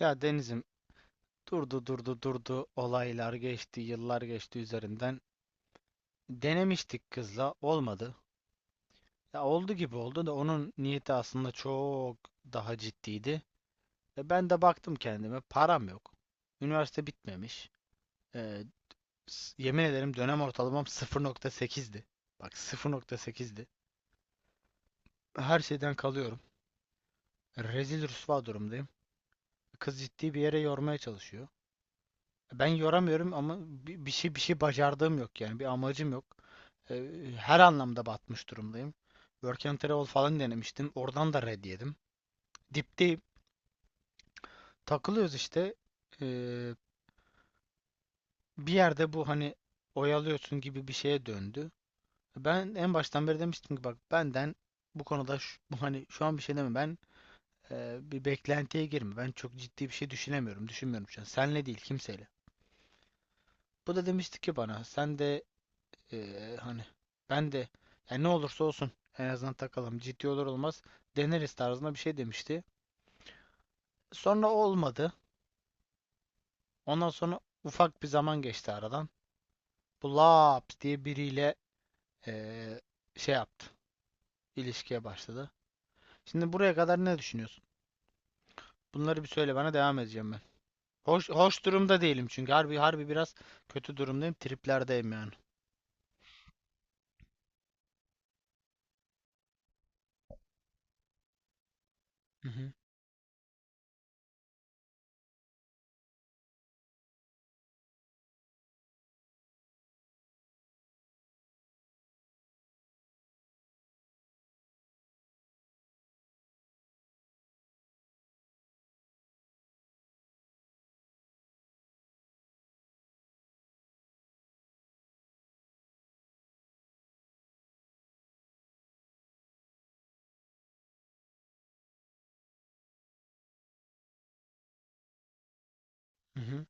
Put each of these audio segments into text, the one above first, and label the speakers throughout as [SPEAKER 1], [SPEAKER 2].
[SPEAKER 1] Ya Deniz'im durdu olaylar geçti, yıllar geçti üzerinden, denemiştik, kızla olmadı. Ya oldu gibi oldu da onun niyeti aslında çok daha ciddiydi. E ben de baktım kendime, param yok. Üniversite bitmemiş. E, Yemin ederim dönem ortalamam 0.8'di. Bak 0.8'di. Her şeyden kalıyorum. Rezil rüsva durumdayım. Kız ciddi bir yere yormaya çalışıyor. Ben yoramıyorum ama bir şey bacardığım yok, yani bir amacım yok. Ee, Her anlamda batmış durumdayım. Work and Travel falan denemiştim. Oradan da red yedim. Dipteyim. Takılıyoruz işte. Ee, Bir yerde bu, hani, oyalıyorsun gibi bir şeye döndü. Ben en baştan beri demiştim ki, bak, benden bu konuda bu, hani, şu an bir şey deme, bir beklentiye girme. Ben çok ciddi bir şey düşünemiyorum. Düşünmüyorum şu an. Senle değil, kimseyle. Bu da demişti ki bana, sen de, hani, ben de, yani ne olursa olsun en azından takalım. Ciddi olur olmaz deneriz tarzında bir şey demişti. Sonra olmadı. Ondan sonra ufak bir zaman geçti aradan. Bu Laps diye biriyle ee, şey yaptı, ilişkiye başladı. Şimdi buraya kadar ne düşünüyorsun? Bunları bir söyle, bana devam edeceğim ben. Hoş, hoş durumda değilim çünkü harbi harbi biraz kötü durumdayım. Triplerdeyim yani. Hı hı, hı hı,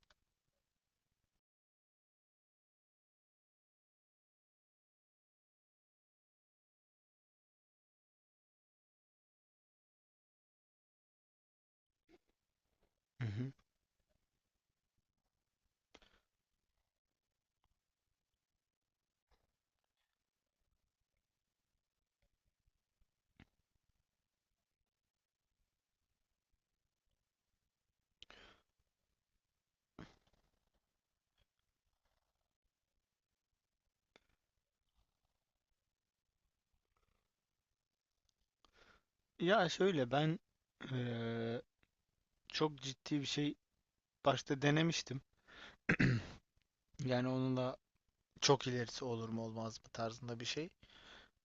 [SPEAKER 1] hı hı. Ya şöyle, ben ee, çok ciddi bir şey başta denemiştim. Yani onun da çok ilerisi olur mu olmaz mı tarzında bir şey.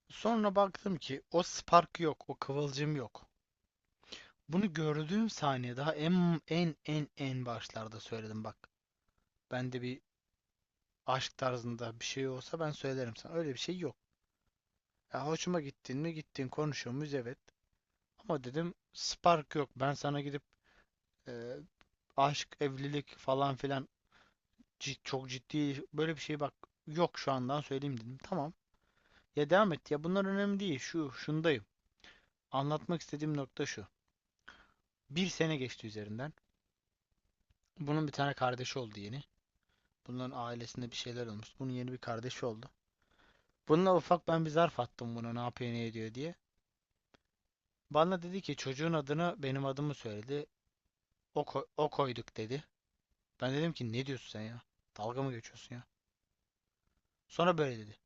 [SPEAKER 1] Sonra baktım ki o spark yok, o kıvılcım yok. Bunu gördüğüm saniye, daha en başlarda söyledim, bak. Bende bir aşk tarzında bir şey olsa ben söylerim sana. Öyle bir şey yok. Ya hoşuma gittin mi, gittin. Konuşuyor muyuz, evet. Ama dedim spark yok. Ben sana gidip e, aşk, evlilik falan filan, çok ciddi böyle bir şey, bak, yok, şu andan söyleyeyim dedim. Tamam. Ya devam et, ya bunlar önemli değil. Şu şundayım. Anlatmak istediğim nokta şu. Bir sene geçti üzerinden. Bunun bir tane kardeşi oldu yeni. Bunların ailesinde bir şeyler olmuş. Bunun yeni bir kardeşi oldu. Bununla ufak ben bir zarf attım buna, ne yapıyor ne ediyor diye. Bana dedi ki çocuğun adını, benim adımı söyledi. O, o koyduk dedi. Ben dedim ki ne diyorsun sen ya? Dalga mı geçiyorsun ya? Sonra böyle dedi.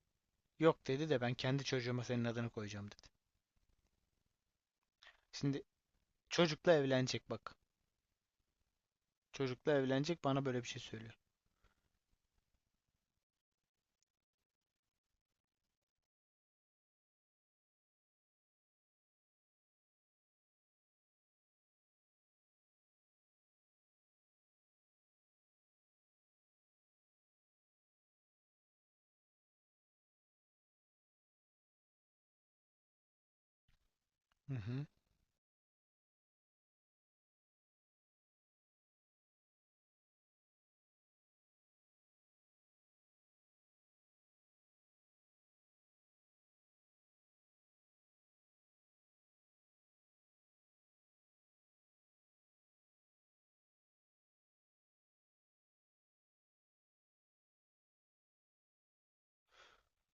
[SPEAKER 1] Yok dedi, de ben kendi çocuğuma senin adını koyacağım dedi. Şimdi çocukla evlenecek, bak. Çocukla evlenecek, bana böyle bir şey söylüyor. Hı hı.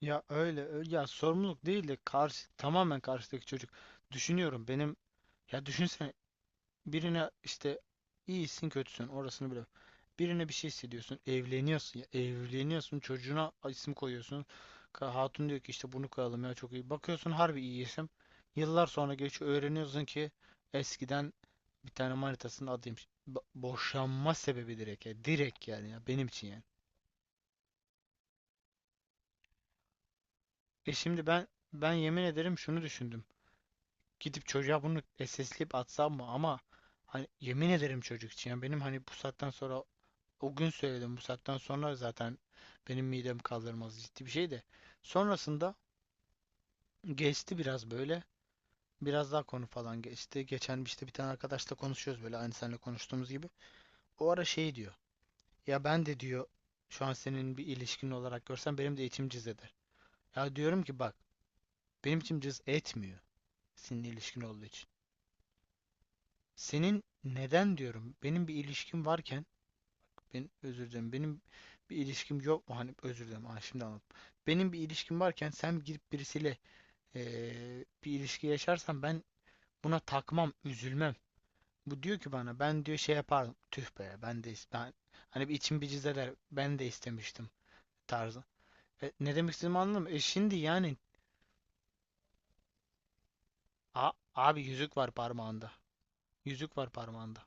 [SPEAKER 1] Ya öyle, öyle, ya sorumluluk değil de karşı, tamamen karşıdaki çocuk. Düşünüyorum, benim, ya düşünsene, birine işte iyisin kötüsün orasını bile. Birine bir şey hissediyorsun, evleniyorsun, ya evleniyorsun, çocuğuna isim koyuyorsun. Hatun diyor ki işte bunu koyalım, ya çok iyi. Bakıyorsun, harbi iyi isim. Yıllar sonra geçiyor öğreniyorsun ki eskiden bir tane manitasının adıymış. Boşanma sebebi direkt, ya direkt yani, ya benim için yani. E şimdi ben yemin ederim şunu düşündüm. Gidip çocuğa bunu SS'leyip atsam mı? Ama hani, yemin ederim çocuk için. Ya benim, hani, bu saatten sonra, o gün söyledim, bu saatten sonra zaten benim midem kaldırmaz ciddi bir şey de. Sonrasında geçti biraz böyle. Biraz daha konu falan geçti. Geçen işte bir tane arkadaşla konuşuyoruz böyle, aynı seninle konuştuğumuz gibi. O ara şey diyor. Ya ben de diyor, şu an senin bir ilişkin olarak görsem benim de içim cız eder. Ya diyorum ki bak, benim içim cız etmiyor seninle ilişkin olduğu için. Senin neden, diyorum? Benim bir ilişkim varken, ben özür dilerim, benim bir ilişkim yok mu? Hani, özür dilerim. Ha, şimdi anladım. Benim bir ilişkim varken sen girip birisiyle bir ilişki yaşarsan ben buna takmam, üzülmem. Bu diyor ki bana, ben diyor şey yapardım. Tüh be, ben de ben, hani, bir içim bir cız, ben de istemiştim tarzı. E, ne demek istediğimi anladın mı? E şimdi yani abi, yüzük var parmağında. Yüzük var parmağında.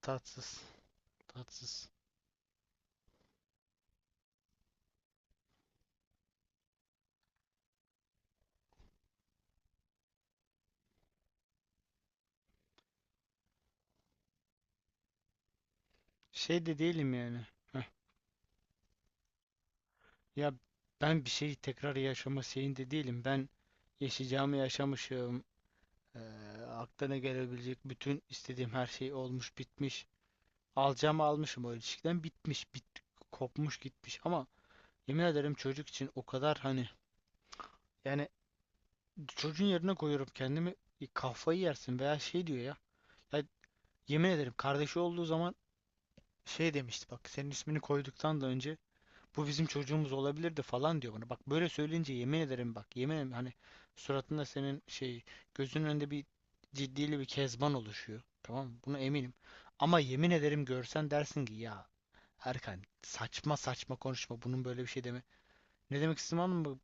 [SPEAKER 1] Tatsız. Tatsız. Şey de değilim yani. Heh. Ya ben bir şeyi tekrar yaşama şeyinde değilim. Ben yaşayacağımı yaşamışım. Ee, Aklına gelebilecek bütün istediğim her şey olmuş bitmiş. Alacağımı almışım o ilişkiden, bitmiş, bit, kopmuş gitmiş, ama yemin ederim çocuk için o kadar, hani, yani, çocuğun yerine koyuyorum kendimi. E, kafayı yersin veya şey diyor ya. Ya yemin ederim kardeşi olduğu zaman şey demişti, bak, senin ismini koyduktan da önce, bu bizim çocuğumuz olabilirdi falan diyor bana. Bak böyle söyleyince, yemin ederim, bak yemin ederim, hani, suratında senin, şey, gözünün önünde bir ciddili bir kezban oluşuyor. Tamam mı? Buna eminim. Ama yemin ederim görsen dersin ki ya Erkan, saçma saçma konuşma, bunun böyle bir şey deme. Ne demek istedim, anladın mı?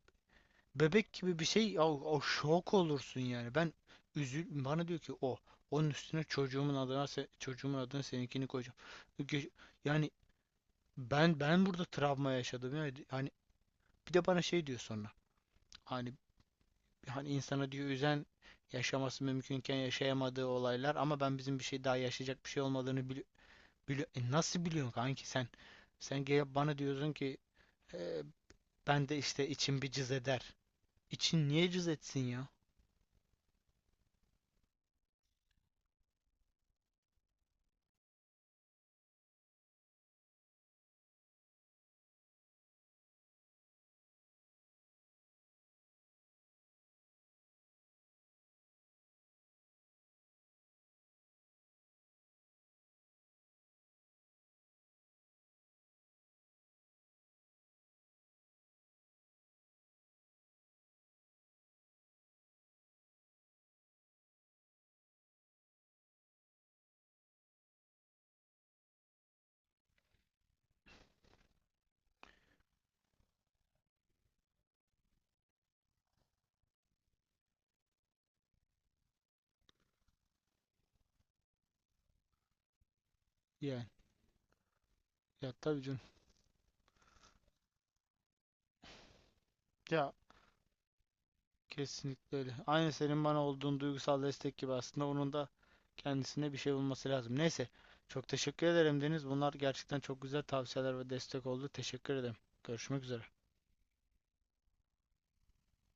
[SPEAKER 1] Bebek gibi bir şey o, o şok olursun yani. Ben üzül, bana diyor ki o, onun üstüne çocuğumun adına, çocuğumun adına seninkini koyacağım. Ge- Yani ben burada travma yaşadım yani. Hani bir de bana şey diyor sonra. Hani, hani insana diyor, üzen yaşaması mümkünken yaşayamadığı olaylar, ama ben bizim bir şey daha yaşayacak bir şey olmadığını bili, E nasıl biliyorsun kanki sen? Sen gelip bana diyorsun ki "E, ben de işte içim bir cız eder." İçin niye cız etsin ya? Yani ya tabii canım. Ya kesinlikle öyle. Aynı senin bana olduğun duygusal destek gibi, aslında onun da kendisine bir şey bulması lazım. Neyse. Çok teşekkür ederim Deniz. Bunlar gerçekten çok güzel tavsiyeler ve destek oldu. Teşekkür ederim. Görüşmek üzere.